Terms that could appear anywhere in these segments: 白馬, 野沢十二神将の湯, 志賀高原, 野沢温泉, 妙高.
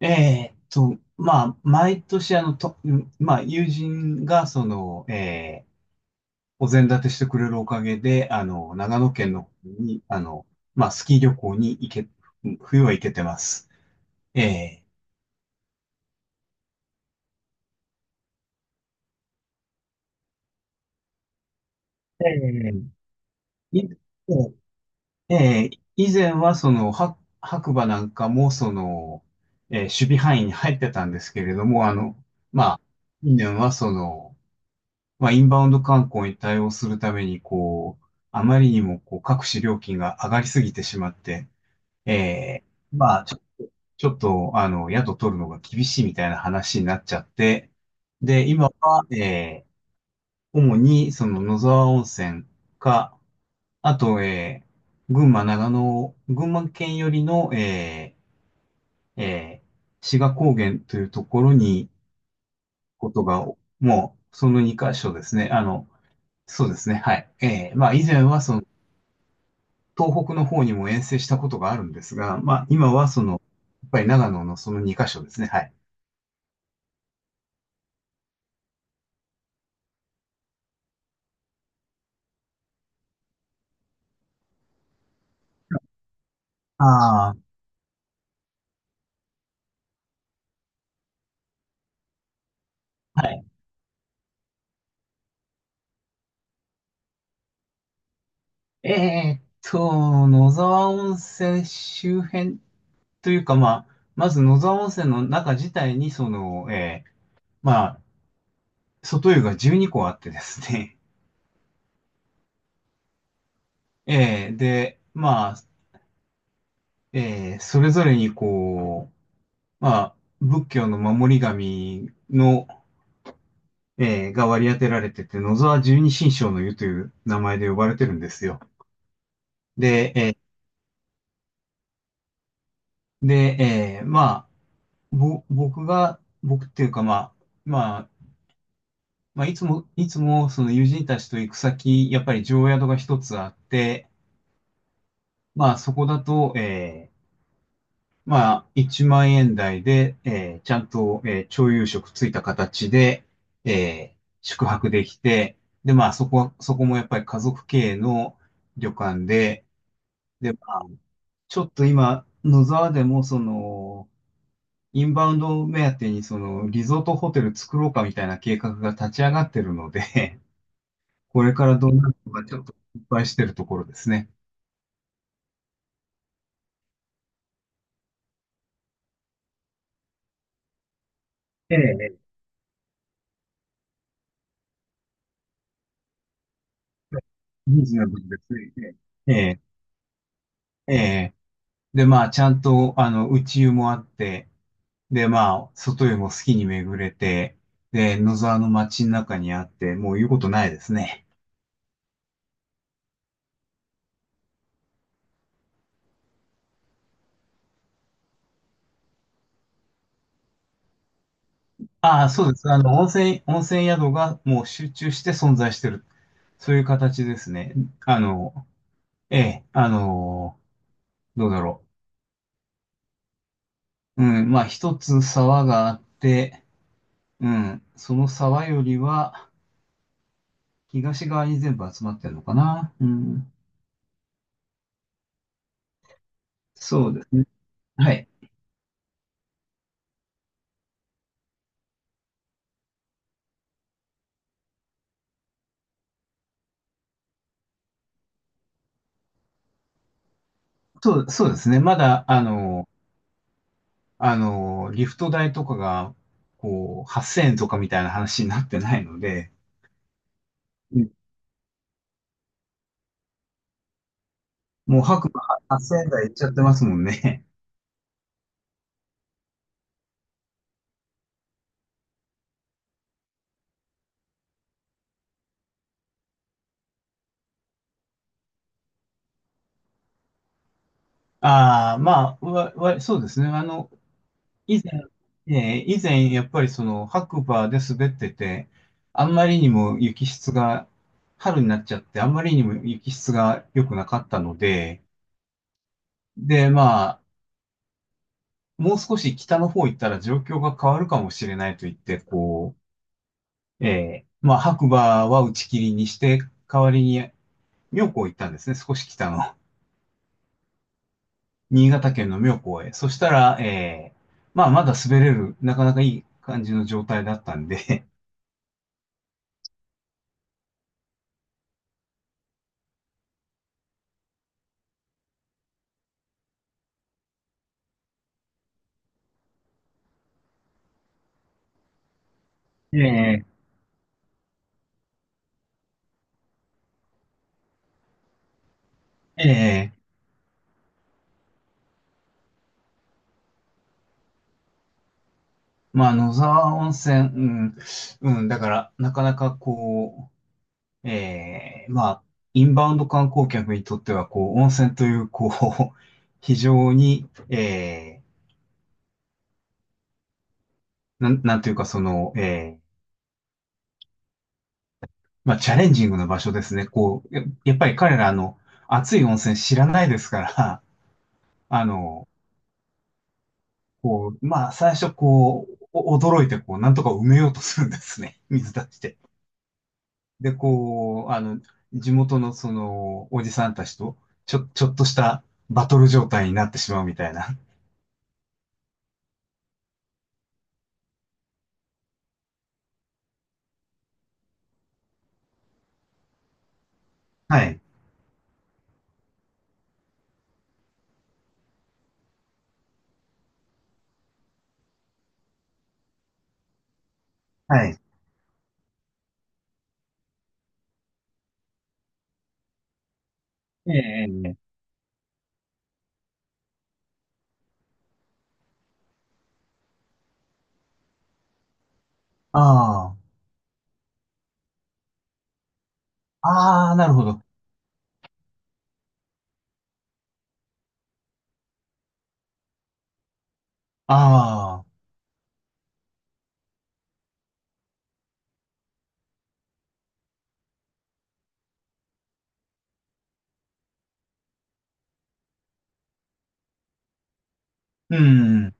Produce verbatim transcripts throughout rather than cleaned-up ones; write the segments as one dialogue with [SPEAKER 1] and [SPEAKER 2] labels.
[SPEAKER 1] えーっと、まあ、毎年、あの、と、うんまあ、友人が、その、えーお膳立てしてくれるおかげで、あの、長野県の方に、あの、まあ、スキー旅行に行け、うん冬は行けてます。えーえーいえー以前は、その、は白馬なんかも、その、えー守備範囲に入ってたんですけれども、あの、まあ、近年は、その、まあ、インバウンド観光に対応するために、こう、あまりにも、こう、各種料金が上がりすぎてしまって、えー、まあ、ちょっと、ちょっと、あの、宿取るのが厳しいみたいな話になっちゃって、で、今は、えー、主に、その、野沢温泉か、あと、えー、群馬、長野、群馬県寄りの、えー、えー、志賀高原というところに、ことが、もう、そのにかしょ箇所ですね。あの、そうですね。はい。ええ、まあ以前はその東北の方にも遠征したことがあるんですが、まあ今はその、やっぱり長野のそのにかしょカ所ですね。はい。ああ、はい。えーっと、野沢温泉周辺というか、まあ、まず野沢温泉の中自体に、その、えーまあ、外湯がじゅうにこあってですね、えーで、まあ、えーそれぞれにこう、まあ、仏教の守り神の、えーが割り当てられてて、野沢十二神将の湯という名前で呼ばれてるんですよ。で、えーで、えーまあ、ぼ、僕が、僕っていうか、まあ、まあ、まあ、いつも、いつも、その友人たちと行く先、やっぱり常宿が一つあって、まあ、そこだと、えーまあ、いちまん円台で、えーちゃんと、えー朝夕食ついた形で、えー宿泊できて、で、まあ、そこは、そこもやっぱり家族経営の旅館で、で、まあちょっと今、野沢でもその、インバウンド目当てにその、リゾートホテル作ろうかみたいな計画が立ち上がってるので、これからどうなるのかちょっと心配してるところですね。ええ、リーズナブルですね。ええ、ええ。で、まあ、ちゃんと、あの、内湯もあって、で、まあ、外湯も好きに巡れて、で、野沢の街の中にあって、もう言うことないですね。ああ、そうです。あの、温泉、温泉宿がもう集中して存在してるそういう形ですね。あの、ええ、あの、どうだろう。うん、まあ一つ沢があって、うん、その沢よりは東側に全部集まってるのかな。うん、そうですね。はい。そう、そうですね。まだ、あの、あの、リフト代とかが、こう、はっせんえんとかみたいな話になってないので、うんもう白馬はっせんえん台いっちゃってますもんね。ああ、まあ、わ、わ、そうですね。あの、以前、えー以前、やっぱりその白馬で滑ってて、あんまりにも雪質が、春になっちゃって、あんまりにも雪質が良くなかったので、で、まあ、もう少し北の方行ったら状況が変わるかもしれないと言って、こう、えーまあ、白馬は打ち切りにして、代わりに妙高行ったんですね、少し北の。新潟県の妙高へ。そしたら、えーまあ、まだ滑れる、なかなかいい感じの状態だったんで、ええええまあ、野沢温泉、うん、うん、だから、なかなかこう、ええまあ、インバウンド観光客にとっては、こう、温泉という、こう、非常に、ええなん、なんていうか、その、ええまあ、チャレンジングな場所ですね。こう、や、やっぱり彼ら、あの、熱い温泉知らないですから、あの、こう、まあ、最初、こう、お驚いて、こう、なんとか埋めようとするんですね。水出して。で、こう、あの、地元のその、おじさんたちと、ちょ、ちょっとしたバトル状態になってしまうみたいな。はい。はい。ええ、ええ。ああ。ああ、なるほど。ああ。うん。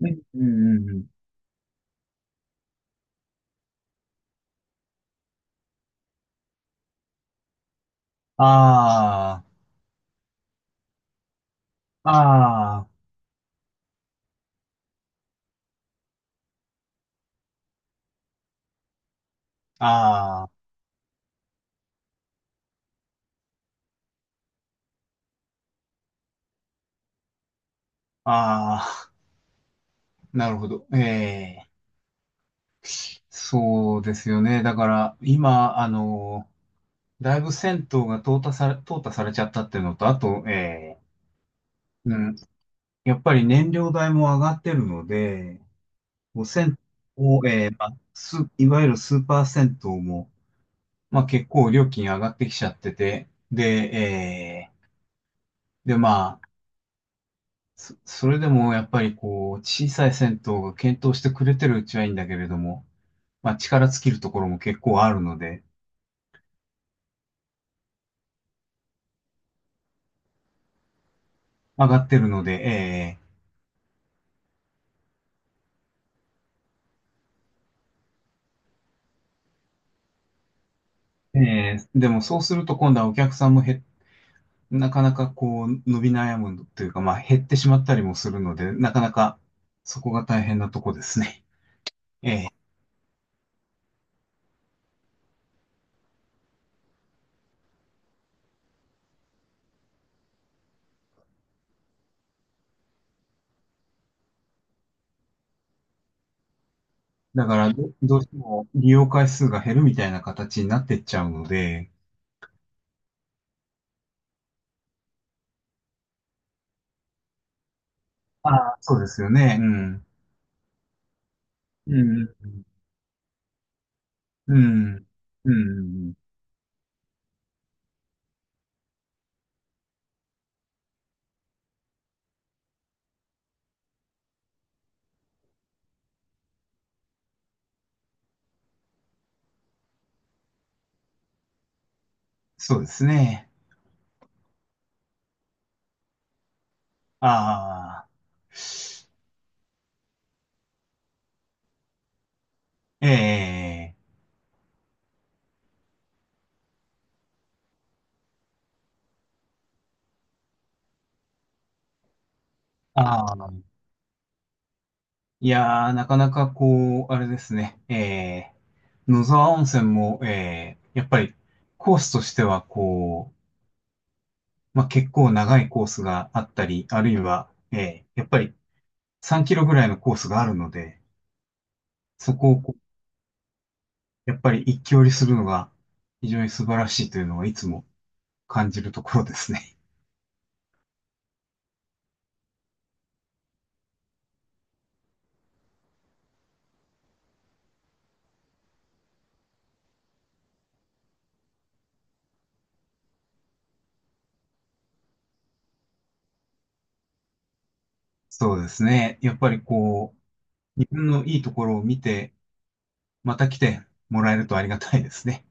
[SPEAKER 1] うん、うん、うんうん。ああ。ああ。ああ。ああ。なるほど。ええ。そうですよね。だから、今、あの、だいぶ銭湯が淘汰され、淘汰されちゃったっていうのと、あと、ええ、うん、やっぱり燃料代も上がってるので、こう銭湯を、えーまあ、す、いわゆるスーパー銭湯も、まあ、結構料金上がってきちゃってて、で、えーで、まあ、そ、それでもやっぱりこう、小さい銭湯が検討してくれてるうちはいいんだけれども、まあ、力尽きるところも結構あるので、上がってるので、えーえーでもそうすると今度はお客さんも減っなかなかこう伸び悩むというか、まあ減ってしまったりもするので、なかなかそこが大変なとこですね。ええ。だからど、どうしても利用回数が減るみたいな形になってっちゃうので、ああ、そうですよね。うん。うん。うん。うん。そうですね。ああ。ええ。ああ。いやー、なかなかこう、あれですね、えー、野沢温泉も、えー、やっぱりコースとしてはこう、まあ、結構長いコースがあったり、あるいは、えー、やっぱりさんキロぐらいのコースがあるので、そこをこうやっぱり一気折りするのが非常に素晴らしいというのはいつも感じるところですね。そうですね。やっぱりこう、自分のいいところを見て、また来てもらえるとありがたいですね。